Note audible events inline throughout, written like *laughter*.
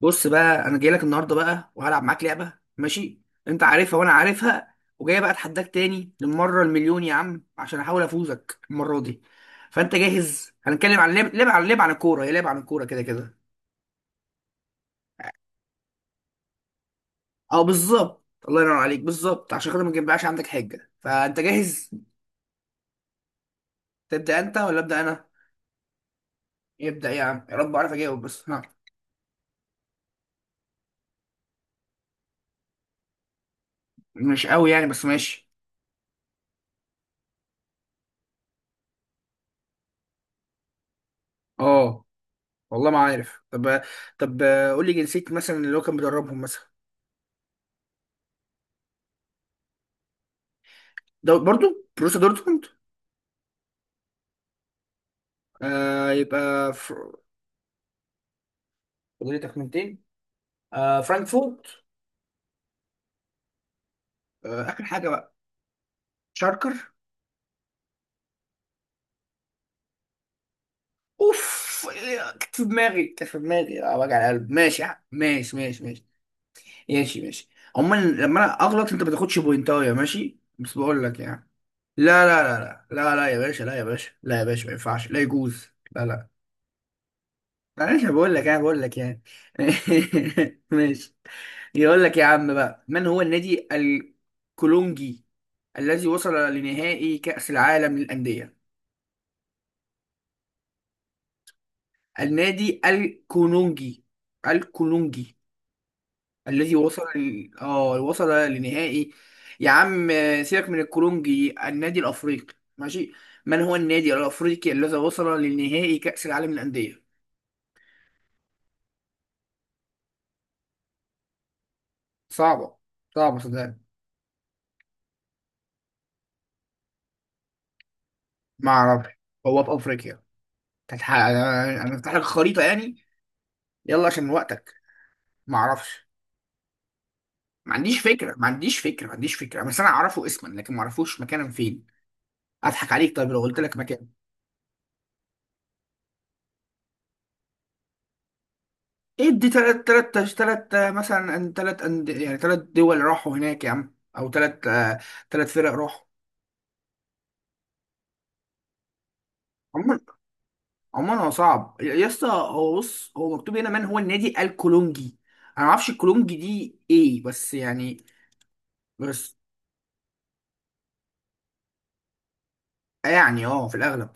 بص بقى انا جاي لك النهارده بقى وهلعب معاك لعبه. ماشي، انت عارفها وانا عارفها، وجاي بقى اتحداك تاني للمره المليون يا عم عشان احاول افوزك المره دي. فانت جاهز؟ هنتكلم عن لعب لعب عن لعب عن الكوره، هي لعب عن الكوره كده كده. اه، بالظبط، الله ينور عليك، بالظبط. عشان خاطر ما تجيبهاش عندك حجه، فانت جاهز؟ تبدا انت ولا ابدا انا؟ يبدا يا عم، يا رب اعرف اجاوب بس. ها. مش قوي يعني، بس ماشي. اه، والله ما عارف. طب قول لي جنسيه مثلا اللي هو كان بيدربهم مثلا. ده برضو بروسيا دورتموند. آه، يبقى فاضل لي تخمينتين. آه، فرانكفورت. آه، آخر حاجة بقى، شاركر. اوف، كانت في دماغي، كانت في دماغي، وجع القلب. ماشي يا عم. ماشي ماشي ماشي. ماشي ماشي. عموما لما انا اغلط انت ما تاخدش بوينتايه، ماشي، بس بقول لك يعني. لا لا لا لا. لا لا يا باشا، لا يا باشا، لا يا باشا، ما ينفعش، لا يجوز. لا لا. معلش، بقول لك، انا بقول لك يعني. *laughs* ماشي. يقول لك يا عم بقى، من هو النادي الكولونجي الذي وصل لنهائي كأس العالم للأندية؟ النادي الكولونجي، الكولونجي الذي وصل وصل لنهائي. يا عم سيبك من الكولونجي، النادي الأفريقي ماشي. من هو النادي الأفريقي الذي وصل لنهائي كأس العالم للأندية؟ صعبة. صعبة صدقني. ما أعرفش. هو في أفريقيا. كانت ح- انا أنا افتح لك الخريطه يعني. يلا عشان وقتك. ما اعرفش. ما عنديش فكره، ما عنديش فكره، ما عنديش فكره، بس انا اعرفه اسما لكن ما اعرفوش مكانا فين. اضحك عليك؟ طيب لو قلت لك مكان. ادي تلات مثلا، تلات يعني تلات دول راحوا هناك يا عم، او تلات، تلات فرق راحوا. عموما عموما هو صعب يا اسطى، هو بص، هو مكتوب هنا، من هو النادي الكولونجي؟ انا ما اعرفش الكولونجي دي ايه بس يعني اه في الاغلب.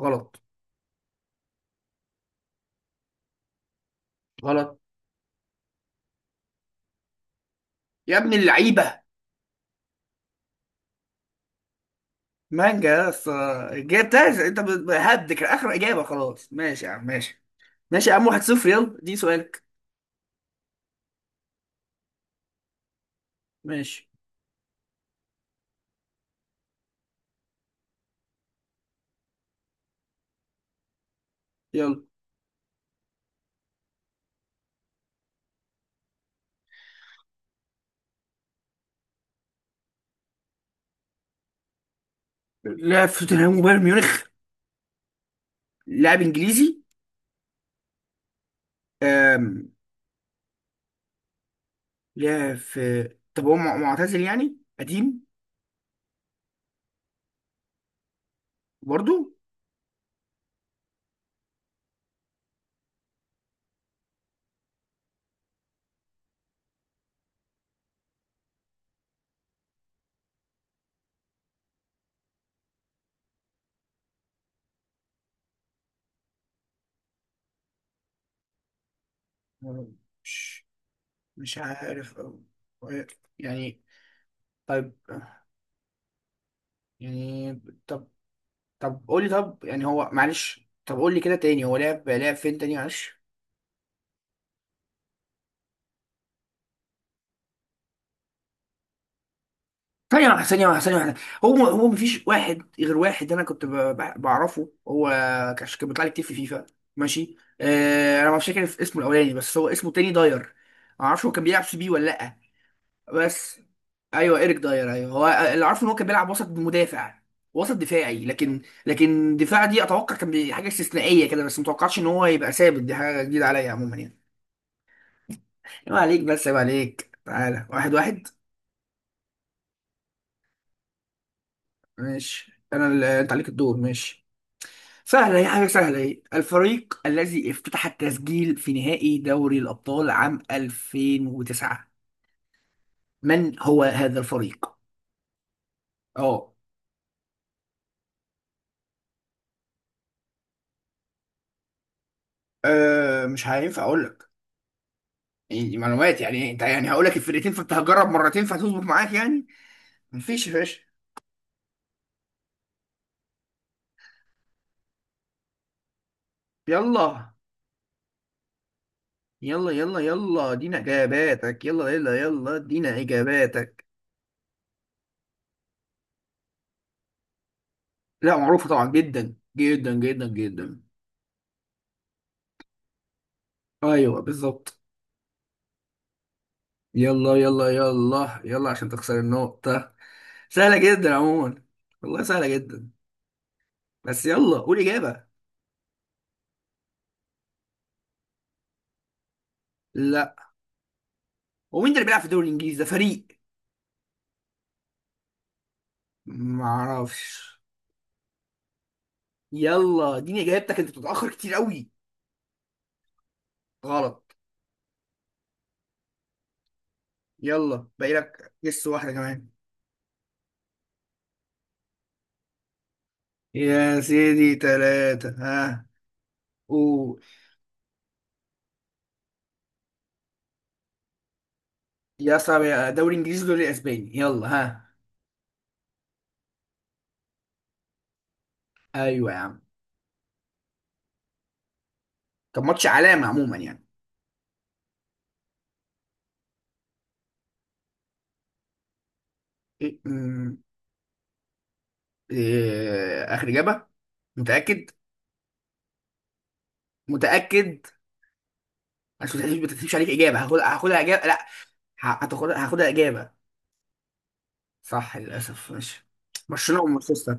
غلط. غلط. يا ابن اللعيبه. مانجا بس. جبتهاش انت، بهدك اخر اجابه، خلاص ماشي يا عم. ماشي ماشي يا عم، واحد صفر، يلا دي سؤالك. ماشي يلا. لعب في توتنهام وبايرن ميونخ؟ لاعب انجليزي. أم... لعب في. طب هو معتزل يعني قديم؟ برضو. مش مش عارف يعني. طيب يعني. طب. طب قول لي، طب يعني هو، معلش، طب قول لي كده تاني، هو لعب فين تاني، معلش. ثانية واحدة، ثانية واحدة، ثانية واحدة. هو مفيش واحد غير واحد. أنا كنت بعرفه هو، كان بيطلع لي كتير في فيفا. ماشي. أنا مش فاكر اسمه الأولاني، بس هو اسمه تاني داير. معرفش هو كان بيلعب سي بي ولا لأ، بس. أيوه، إيريك داير، أيوه هو. اللي عارفه إن هو كان بيلعب وسط مدافع، وسط دفاعي، لكن دفاع دي أتوقع كان حاجة استثنائية كده، بس متوقعش إن هو يبقى ثابت. دي حاجة جديدة عليا عموما يعني. عيب عليك، بس عيب عليك، تعالى واحد واحد. ماشي، أنا اللي أنت عليك الدور، ماشي. سهلة، هي حاجة سهلة. هي الفريق الذي افتتح التسجيل في نهائي دوري الأبطال عام 2009، من هو هذا الفريق؟ اه. مش هينفع أقول لك، يعني دي معلومات يعني، أنت يعني هقول لك الفرقتين فأنت هتجرب مرتين فهتظبط معاك يعني. مفيش يا باشا. يلا يلا يلا يلا ادينا إجاباتك، يلا يلا يلا ادينا إجاباتك. لا، معروفة طبعا، جدا جدا جدا جدا. أيوه بالظبط. يلا يلا يلا يلا عشان تخسر النقطة. سهلة جدا عموما. والله سهلة جدا. بس يلا قول إجابة. لا. هو مين ده اللي بيلعب في الدوري الإنجليزي ده؟ فريق معرفش. يلا اديني إجابتك، أنت بتتأخر كتير قوي. غلط. يلا باقي لك جس واحدة كمان. يا سيدي تلاتة، ها، قول. يا صعب، يا دوري إنجليزي، دوري أسباني، يلا ها. أيوة يا عم. طب ماتش علامة عموما يعني. إيه، آخر إجابة. متأكد؟ متأكد. عشان ما تحسبش عليك اجابه، هاخدها اجابه، لا. هتاخدها، هاخدها إجابة. صح، للأسف، ماشي. برشلونة ومانشستر.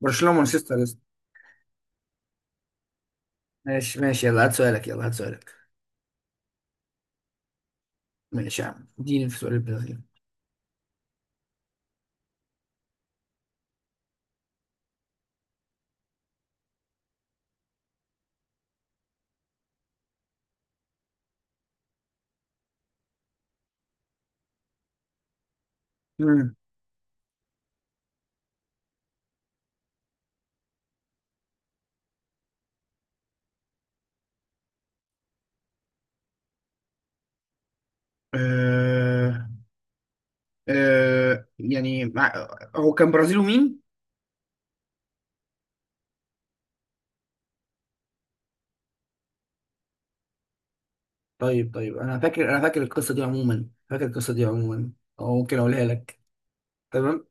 برشلونة ومانشستر لسه. ماشي ماشي، يلا هات سؤالك، يلا هات سؤالك. ماشي يا عم، اديني في سؤال البرازيل. مم. آه. آه يعني هو كان برازيل ومين؟ طيب طيب، أنا فاكر القصة دي عموما، فاكر القصة دي عموما. أو ممكن أقولها لك. تمام.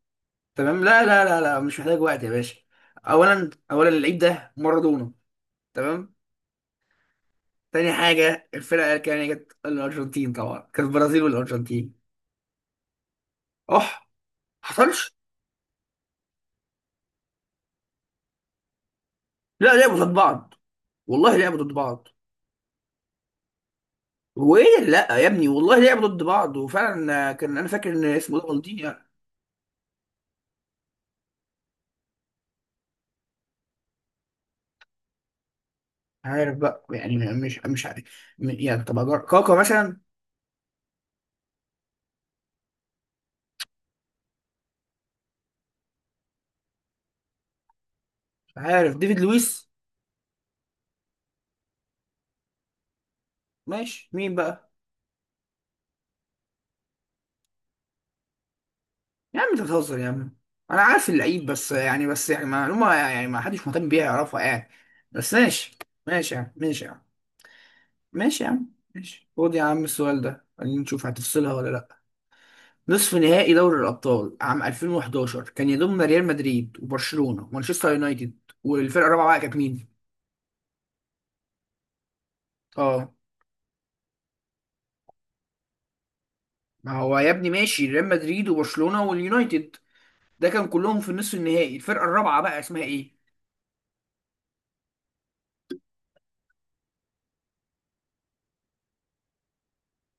تمام، لا لا لا لا، مش محتاج وقت يا باشا. أولا اللعيب ده مارادونا. تمام. تاني حاجة الفرقة اللي كانت جت الأرجنتين، طبعا كانت البرازيل والأرجنتين. أح. حصلش. لا لعبوا ضد بعض، والله لعبوا ضد بعض. وإيه، لا يا ابني والله لعبوا ضد بعض، وفعلا كان، أنا فاكر إن اسمه ده مالديني. عارف بقى، يعني مش عارف. يعني طب كاكا مثلا. عارف ديفيد لويس. ماشي، مين بقى؟ يا عم أنت بتهزر يا عم، أنا عارف اللعيب، بس يعني معلومة يعني ما حدش مهتم بيها يعرفها يعني، بس ماشي. ماشي يا عم، ماشي يا عم، ماشي يا عم، ماشي، خد يا عم السؤال ده، خلينا نشوف هتفصلها ولا لا. نصف نهائي دوري الأبطال عام 2011 كان يضم ريال مدريد وبرشلونة ومانشستر يونايتد، والفرقة الرابعة بقى كانت مين؟ اه. ما هو يا ابني ماشي، ريال مدريد وبرشلونة واليونايتد ده كان كلهم في النصف النهائي، الفرقة الرابعة بقى اسمها ايه؟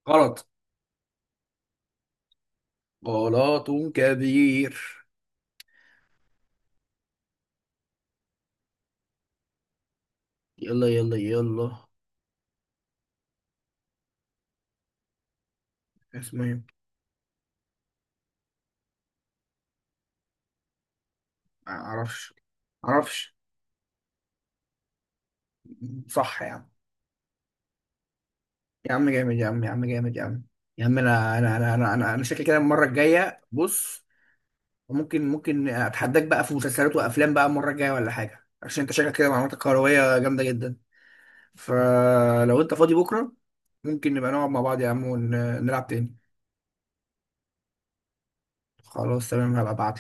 غلط. غلط كبير. يلا يلا يلا. اسمها ايه؟ معرفش. معرفش. صح يا عم. يا عم جامد يا عم، يا عم جامد يا عم. يا عم، أنا شكلي كده المره الجايه، بص، ممكن اتحداك بقى في مسلسلات وافلام بقى المره الجايه ولا حاجه، عشان انت شكلك كده معلوماتك كرويه جامده جدا. فلو انت فاضي بكره ممكن نبقى نقعد مع بعض يا عم ونلعب تاني. خلاص تمام هبقى ابعت.